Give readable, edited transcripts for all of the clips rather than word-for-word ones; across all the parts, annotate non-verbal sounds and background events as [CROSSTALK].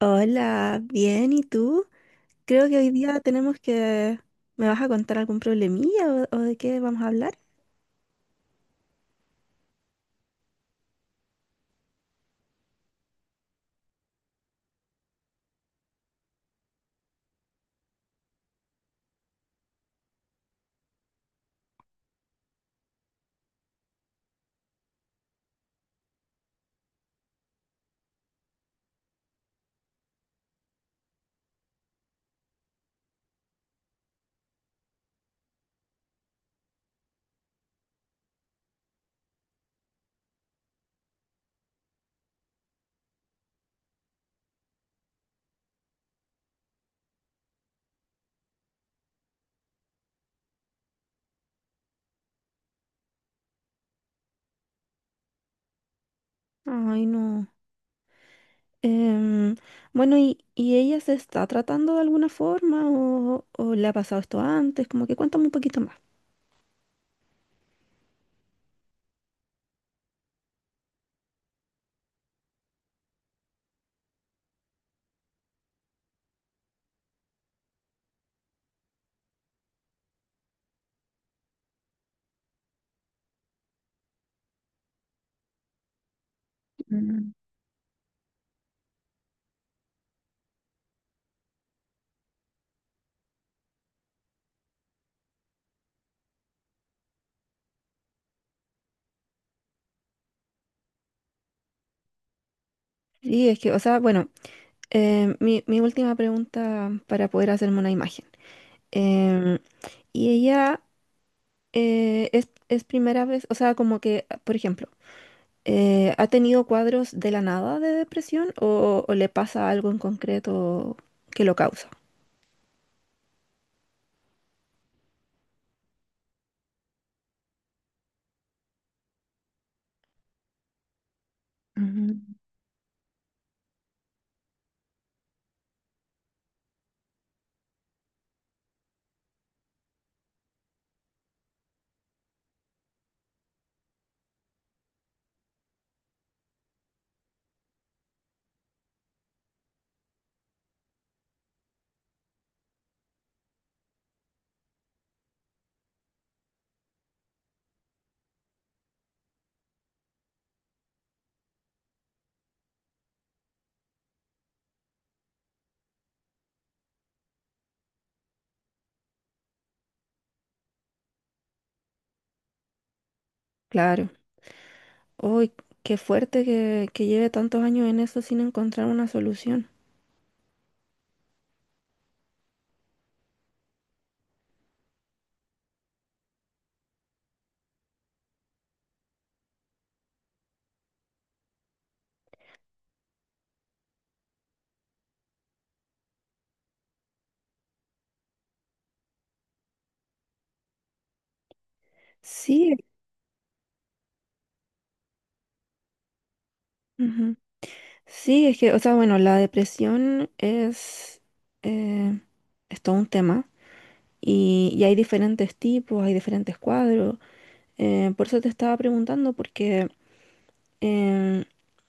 Hola, bien, ¿y tú? Creo que hoy día tenemos que... ¿Me vas a contar algún problemilla o de qué vamos a hablar? Ay, no. Em, bueno, ¿y ella se está tratando de alguna forma o le ha pasado esto antes? Como que cuéntame un poquito más. Mm. Sí, es que, o sea, bueno, mi última pregunta para poder hacerme una imagen. Em, y ella es primera vez, o sea, como que, por ejemplo, ¿ha tenido cuadros de la nada de depresión o le pasa algo en concreto que lo causa? Ujú. Claro. Uy, qué fuerte que lleve tantos años en eso sin encontrar una solución. Sí, ujú. Sí, es que, o sea, bueno, la depresión eh, es todo un tema y hay diferentes tipos, hay diferentes cuadros. Por eso te estaba preguntando, porque em,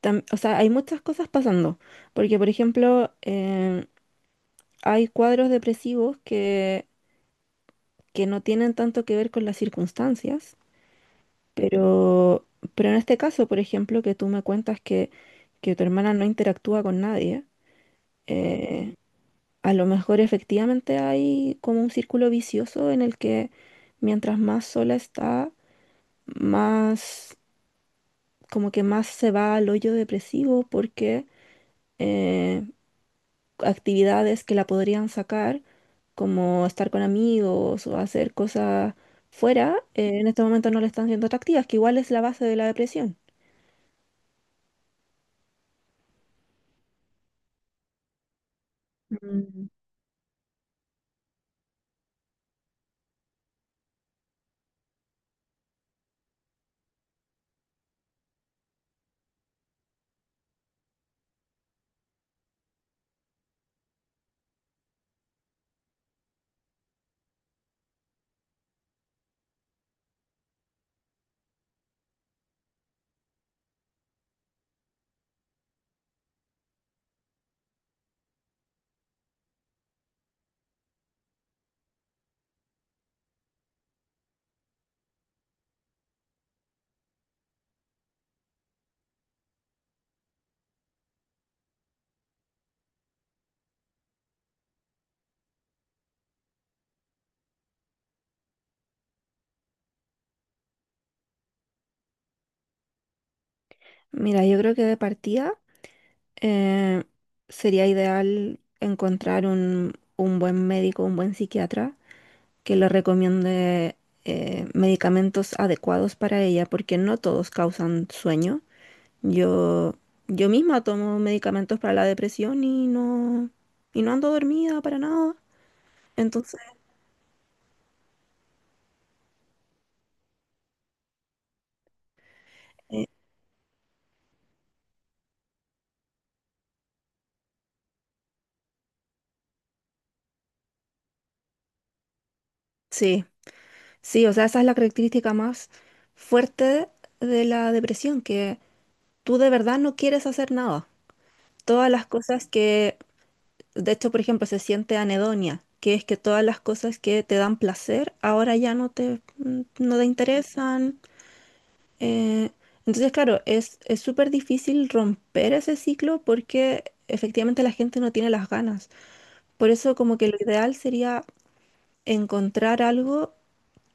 tam- o sea, hay muchas cosas pasando, porque por ejemplo, hay cuadros depresivos que no tienen tanto que ver con las circunstancias, pero, pero en este caso, por ejemplo, que tú me cuentas que tu hermana no interactúa con nadie. Eh, a lo mejor efectivamente hay como un círculo vicioso en el que mientras más sola está, más, como que más se va al hoyo depresivo porque... eh, actividades que la podrían sacar, como estar con amigos o hacer cosas fuera, en este momento no le están siendo atractivas, que igual es la base de la depresión. Mm. Mira, yo creo que de partida eh, sería ideal encontrar un buen médico, un buen psiquiatra que le recomiende medicamentos adecuados para ella, porque no todos causan sueño. Yo, yo misma tomo medicamentos para la depresión y no ando dormida para nada. Entonces, sí, sí, o sea, esa es la característica más fuerte de la depresión, que tú de verdad no quieres hacer nada. Todas las cosas que, de hecho, por ejemplo, se siente anedonia, que es que todas las cosas que te dan placer ahora ya no te, no te interesan. Eh, entonces, claro, es súper difícil romper ese ciclo porque efectivamente la gente no tiene las ganas. Por eso como que lo ideal sería encontrar algo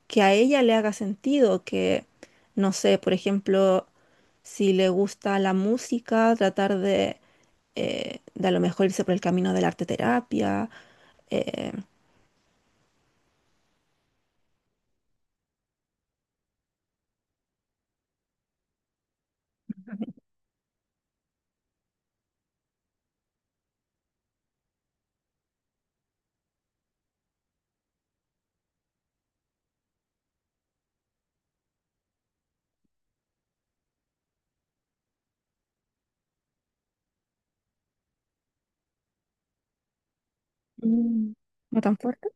que a ella le haga sentido, que, no sé, por ejemplo, si le gusta la música, tratar de a lo mejor irse por el camino de la arte terapia. Eh. Mm. No tan fuerte.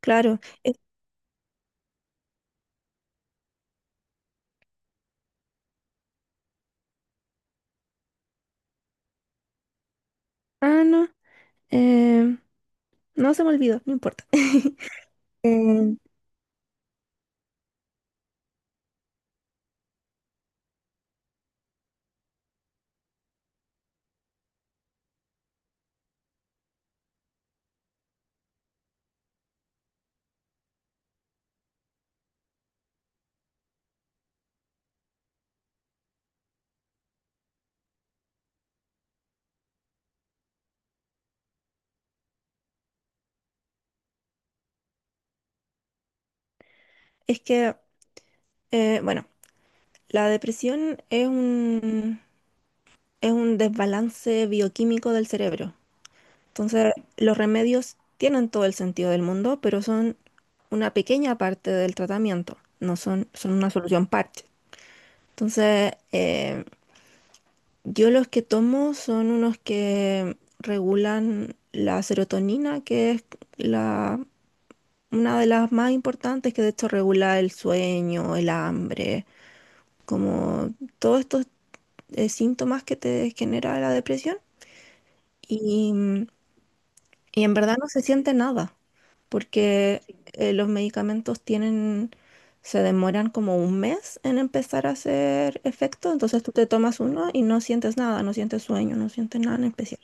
Claro, es- ah, no, eh, no se me olvidó, no importa. [LAUGHS] Eh. Es que, bueno, la depresión es es un desbalance bioquímico del cerebro. Entonces, los remedios tienen todo el sentido del mundo, pero son una pequeña parte del tratamiento, no son, son una solución parche. Entonces, yo los que tomo son unos que regulan la serotonina, que es la, una de las más importantes, que de hecho regula el sueño, el hambre, como todos estos síntomas que te genera la depresión y, mm, y en verdad no se siente nada, porque los medicamentos tienen, se demoran como un mes en empezar a hacer efecto, entonces tú te tomas uno y no sientes nada, no sientes sueño, no sientes nada en especial.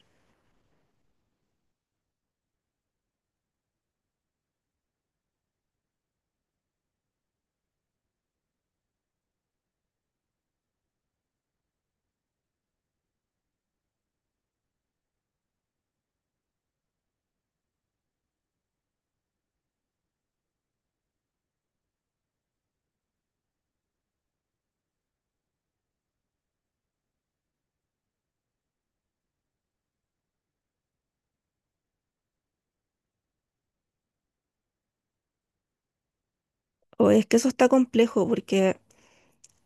O es que eso está complejo porque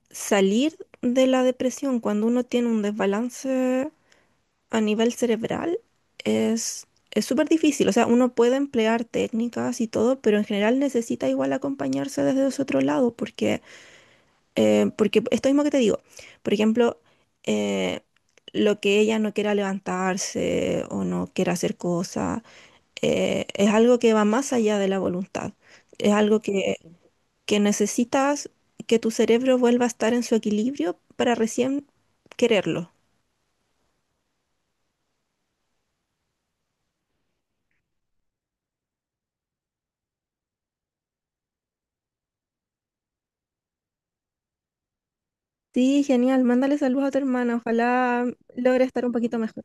salir de la depresión cuando uno tiene un desbalance a nivel cerebral es es súper difícil. O sea, uno puede emplear técnicas y todo, pero en general necesita igual acompañarse desde ese otro lado, porque, porque esto mismo que te digo, por ejemplo, eh, lo que ella no quiera levantarse o no quiera hacer cosas, es algo que va más allá de la voluntad. Es algo que necesitas que tu cerebro vuelva a estar en su equilibrio para recién quererlo. Sí, genial. Mándale saludos a tu hermana. Ojalá logre estar un poquito mejor.